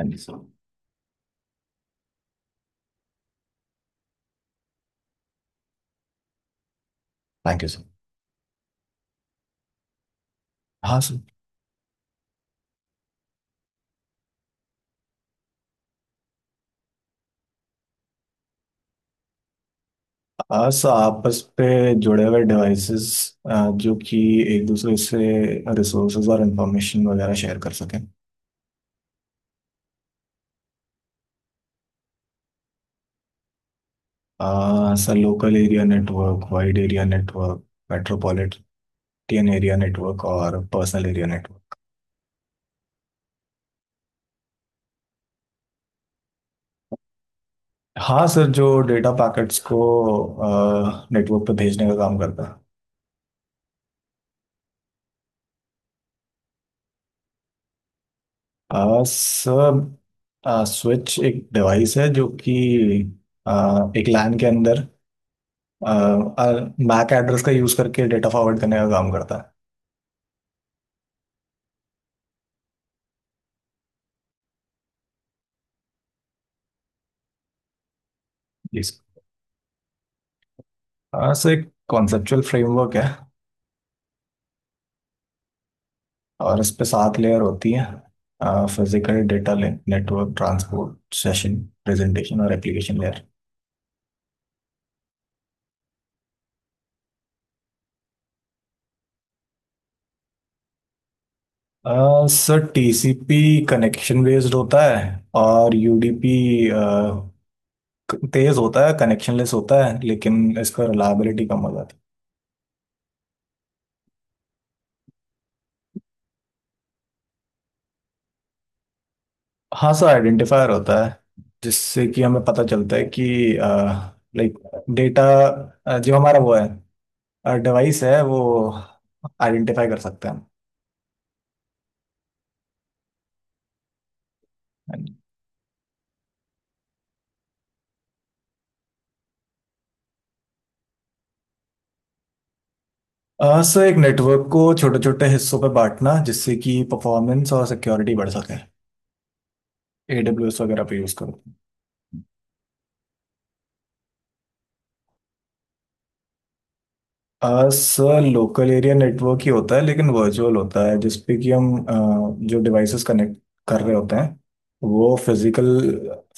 Thank you sir. Thank you sir. हाँ sir. हाँ sir, आपस पे जुड़े हुए डिवाइसेस जो कि एक दूसरे से रिसोर्सेज और इंफॉर्मेशन वगैरह शेयर कर सकें। Sir, local area network, wide area network, metropolitan area network और पर्सनल एरिया नेटवर्क। हाँ सर, जो डेटा पैकेट्स को नेटवर्क पे भेजने का काम करता है। सर, स्विच एक डिवाइस है जो कि एक लैन के अंदर मैक एड्रेस का यूज करके डेटा फॉरवर्ड करने का काम करता है। जी सर। हाँ, सो एक कॉन्सेप्चुअल फ्रेमवर्क है और इस पे सात लेयर होती है। Physical, data link, network, transport, session, presentation और application layer. Sir, TCP connection based होता है। और यूडीपी uh, तेज होता है, कनेक्शन लेस होता है, लेकिन इसका रिलायबिलिटी कम हो जाती है। हाँ सर, आइडेंटिफायर होता है जिससे कि हमें पता चलता है कि, लाइक, डेटा जो हमारा वो है, डिवाइस है वो आइडेंटिफाई कर सकते हैं हम। सर, एक नेटवर्क को छोटे छोटे हिस्सों पर बांटना जिससे कि परफॉर्मेंस और सिक्योरिटी बढ़ सके। एडब्ल्यूएस वगैरह पे यूज़ करो। सर, लोकल एरिया नेटवर्क ही होता है लेकिन वर्चुअल होता है, जिसपे कि हम, जो डिवाइसेस कनेक्ट कर रहे होते हैं वो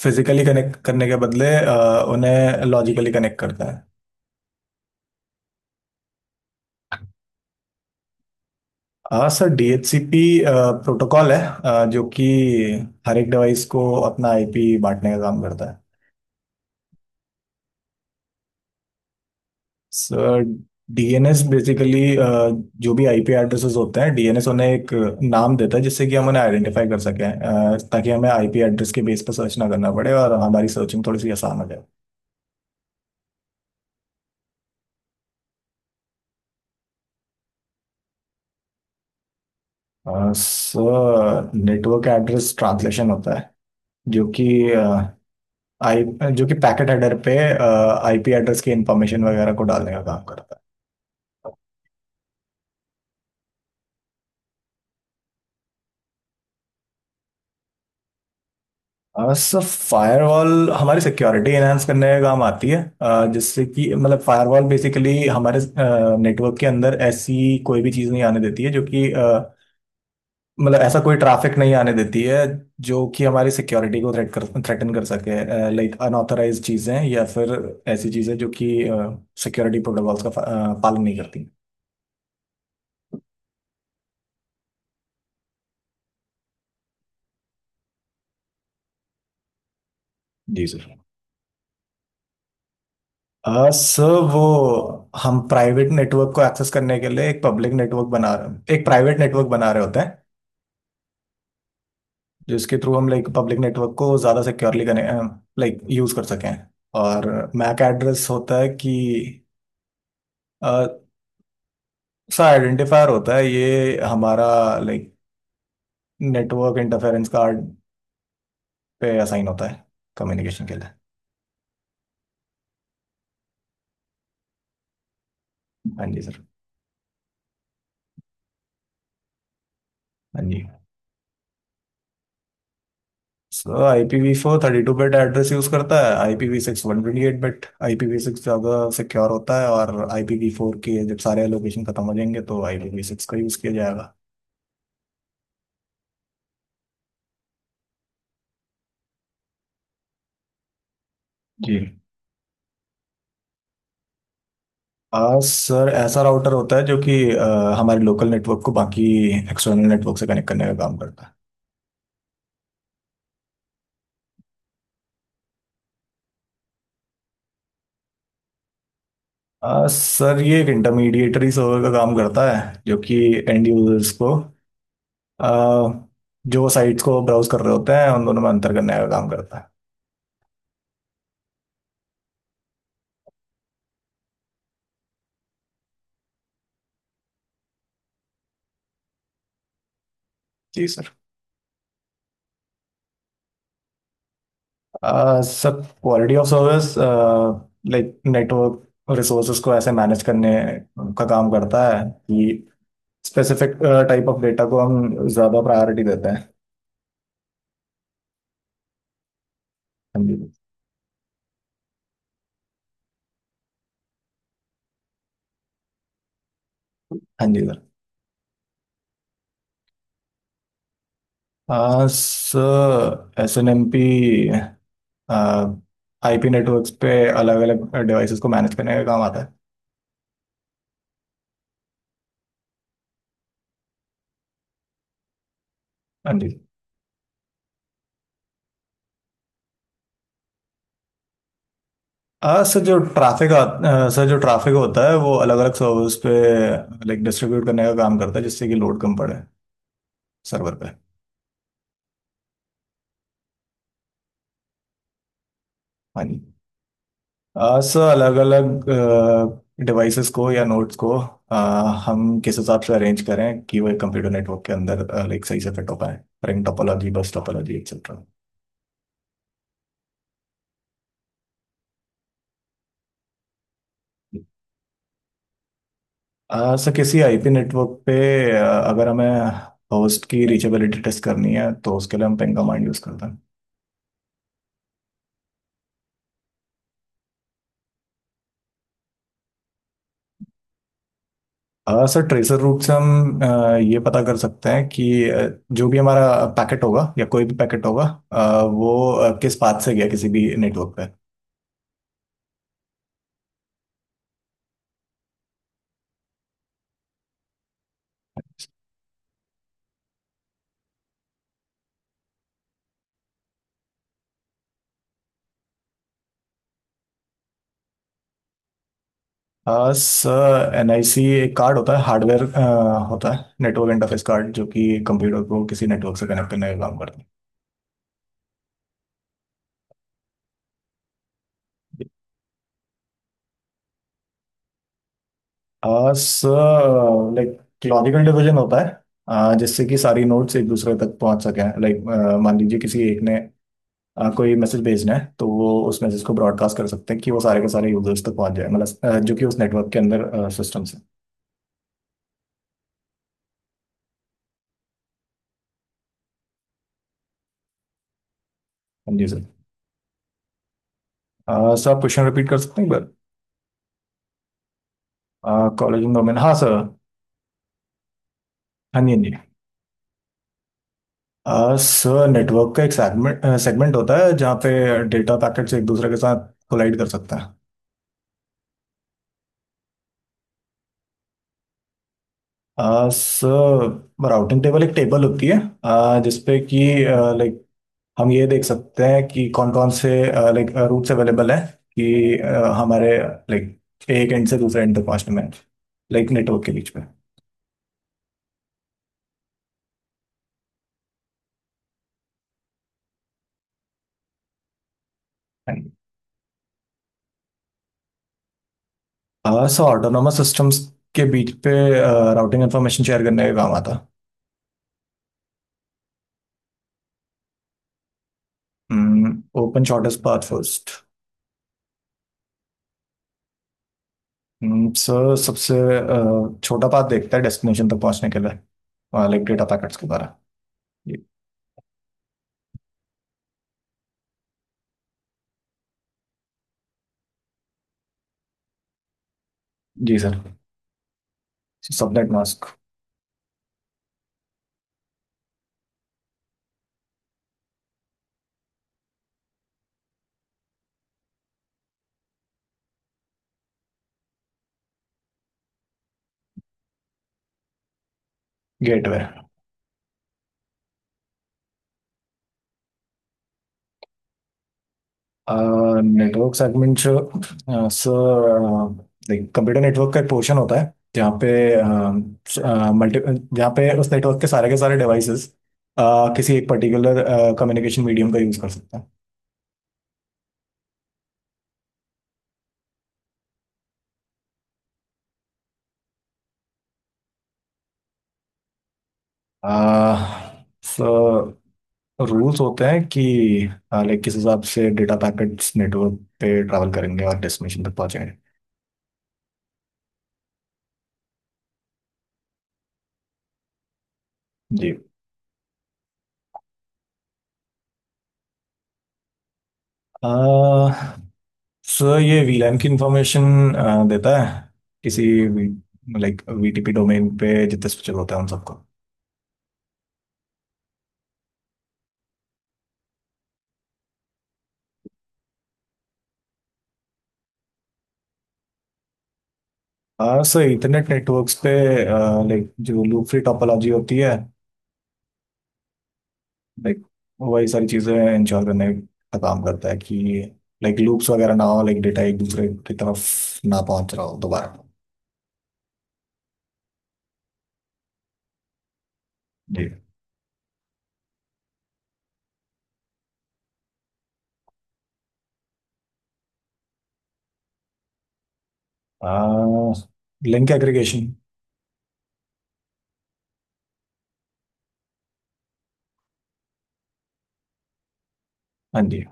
फिजिकली कनेक्ट करने के बदले उन्हें लॉजिकली कनेक्ट करता है। हाँ सर, DHCP प्रोटोकॉल है, जो कि हर एक डिवाइस को अपना आईपी बांटने का काम करता है। सर, डीएनएस बेसिकली, जो भी आईपी एड्रेसेस होते हैं, डीएनएस उन्हें एक नाम देता है जिससे कि हम उन्हें आइडेंटिफाई कर सकें, ताकि हमें आईपी एड्रेस के बेस पर सर्च ना करना पड़े और हमारी सर्चिंग थोड़ी सी आसान हो जाए। सर, नेटवर्क एड्रेस ट्रांसलेशन होता है जो कि अ, आई जो कि पैकेट हेडर पे आईपी एड्रेस की इंफॉर्मेशन वगैरह को डालने का काम करता है। हाँ सर, फायरवॉल हमारी सिक्योरिटी एनहांस करने का काम आती है, जिससे कि, मतलब, फायरवॉल बेसिकली हमारे नेटवर्क के अंदर ऐसी कोई भी चीज़ नहीं आने देती है जो कि, मतलब, ऐसा कोई ट्रैफिक नहीं आने देती है जो कि हमारी सिक्योरिटी को थ्रेटन कर सके। लाइक, अनऑथराइज चीज़ें या फिर ऐसी चीज़ें जो कि सिक्योरिटी प्रोटोकॉल्स का पालन नहीं करती। जी सर। सर, वो, हम प्राइवेट नेटवर्क को एक्सेस करने के लिए एक प्राइवेट नेटवर्क बना रहे होते हैं, जिसके थ्रू हम, लाइक, पब्लिक नेटवर्क को ज़्यादा सिक्योरली कनेक्ट लाइक यूज़ कर सकें। और मैक एड्रेस होता है कि अ, सा आइडेंटिफायर होता है, ये हमारा, लाइक, नेटवर्क इंटरफेरेंस कार्ड पे असाइन होता है कम्युनिकेशन के लिए। हाँ जी सर। हाँ जी। So I P V four 32 bit address use करता है, I P V six 128 bit. I P V six ज़्यादा सिक्योर होता है, और आई पी वी फोर के जब सारे एलोकेशन खत्म हो जाएंगे तो आई पी वी सिक्स का यूज़ किया जाएगा। जी। सर, ऐसा राउटर होता है जो कि, हमारे लोकल नेटवर्क को बाकी एक्सटर्नल नेटवर्क से कनेक्ट करने का काम करता है। सर, ये एक इंटरमीडिएटरी सर्वर का काम करता है जो कि एंड यूजर्स को, आ, जो साइट्स को ब्राउज कर रहे होते हैं, उन दोनों में अंतर करने का काम करता है। जी sir. Sir, quality of service, like, network resources को ऐसे मैनेज करने का काम करता है कि स्पेसिफिक टाइप ऑफ डेटा को हम ज़्यादा प्रायोरिटी देते हैं। हाँ जी। हाँ जी sir. Sir, S N M P I P networks पे अलग अलग डिवाइसेस को मैनेज करने का काम आता है। हाँ जी। आ, सर जो ट्रैफिक सर, जो ट्रैफिक होता है वो अलग अलग सर्वर्स पे, लाइक, डिस्ट्रीब्यूट करने का काम करता है जिससे कि लोड कम पड़े सर्वर पे। हाँ जी। सर, अलग अलग डिवाइसेस को या नोड्स को, हम किस हिसाब से अरेंज करें कि वो एक कंप्यूटर नेटवर्क के अंदर, लाइक, सही से फिट हो पाए। Ring topology, bus topology, etcetera. Sir, किसी आईपी नेटवर्क पे, अगर हमें होस्ट की रीचेबिलिटी टेस्ट करनी है तो उसके लिए हम पिंग कमांड यूज़ करते हैं। सर, ट्रेसर रूट से हम ये पता कर सकते हैं कि, आ, जो भी हमारा पैकेट होगा या कोई भी पैकेट होगा, वो किस पाथ से गया किसी भी नेटवर्क पे। सर, एनआईसी एक कार्ड होता है, हार्डवेयर होता है, नेटवर्क इंटरफेस कार्ड जो कि कंप्यूटर को किसी नेटवर्क से कनेक्ट करने का काम करता है। सर, लाइक, लॉजिकल डिवीजन होता है, जिससे कि सारी नोट्स एक दूसरे तक पहुंच सके। लाइक, मान लीजिए किसी एक ने कोई मैसेज भेजना है तो वो उस मैसेज को ब्रॉडकास्ट कर सकते हैं कि वो सारे के सारे यूजर्स तक पहुंच जाए, मतलब जो कि उस नेटवर्क के अंदर सिस्टम से। हाँ जी सर। सर, आप क्वेश्चन रिपीट कर सकते हैं एक बार? Collision domain. हाँ सर। हाँ जी। हाँ जी। सर, नेटवर्क का एक सेगमेंट सेगमेंट होता है जहाँ पे डेटा पैकेट्स एक दूसरे के साथ कोलाइड कर सकता है। सर, राउटिंग टेबल एक टेबल होती है, जिसपे कि, लाइक, हम ये देख सकते हैं कि कौन कौन से, लाइक, रूट्स अवेलेबल हैं कि, हमारे, लाइक, एक एंड से दूसरे एंड तक पहुंचने में, लाइक, नेटवर्क के बीच में। सो ऑटोनोमस सिस्टम्स के बीच पे राउटिंग इंफॉर्मेशन शेयर करने का काम आता। Open shortest path first. Sir, सबसे छोटा पाथ देखता है डेस्टिनेशन तक पहुंचने के लिए, लाइक, डेटा पैकेट्स के द्वारा। जी sir. Subnet mask. Gateway. Network segment, जो, सर, कंप्यूटर नेटवर्क का एक पोर्शन होता है जहाँ पे मल्टी जहाँ पे उस नेटवर्क के सारे डिवाइसेस किसी एक पर्टिकुलर कम्युनिकेशन मीडियम का यूज़ कर सकते हैं। सो रूल्स होते हैं कि, लाइक, किस हिसाब से डेटा पैकेट्स नेटवर्क पे ट्रैवल करेंगे और डेस्टिनेशन तक पहुंचेंगे। जी सर, ये वीलैन की इंफॉर्मेशन देता है किसी, लाइक, वीटीपी डोमेन पे जितने स्विचर होते हैं उन सबको। हाँ सर, इंटरनेट नेटवर्क्स पे, लाइक, जो लूप फ्री टोपोलॉजी होती है, लाइक, वही सारी चीज़ें इंश्योर करने का काम करता है कि, लाइक, लूप्स वगैरह ना हो, लाइक, डेटा एक दूसरे की तरफ ना पहुंच रहा हो दोबारा। जी। Link aggregation. हाँ जी।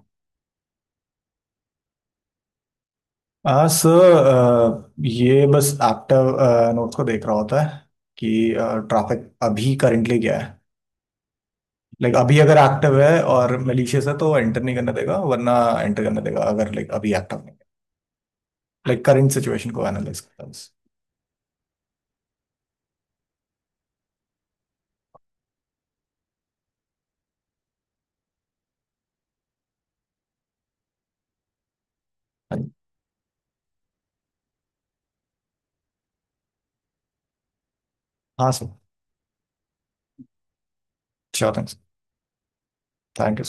हाँ सर, ये बस एक्टिव नोट को देख रहा होता है कि ट्रैफिक अभी करंटली क्या है। लाइक, अभी अगर एक्टिव है और मलिशियस है तो एंटर नहीं करने देगा, वरना एंटर करने देगा अगर, लाइक, अभी एक्टिव नहीं है। लाइक, करंट सिचुएशन को एनालाइज करता है बस। हाँ sir. Sure. Thanks, thank you.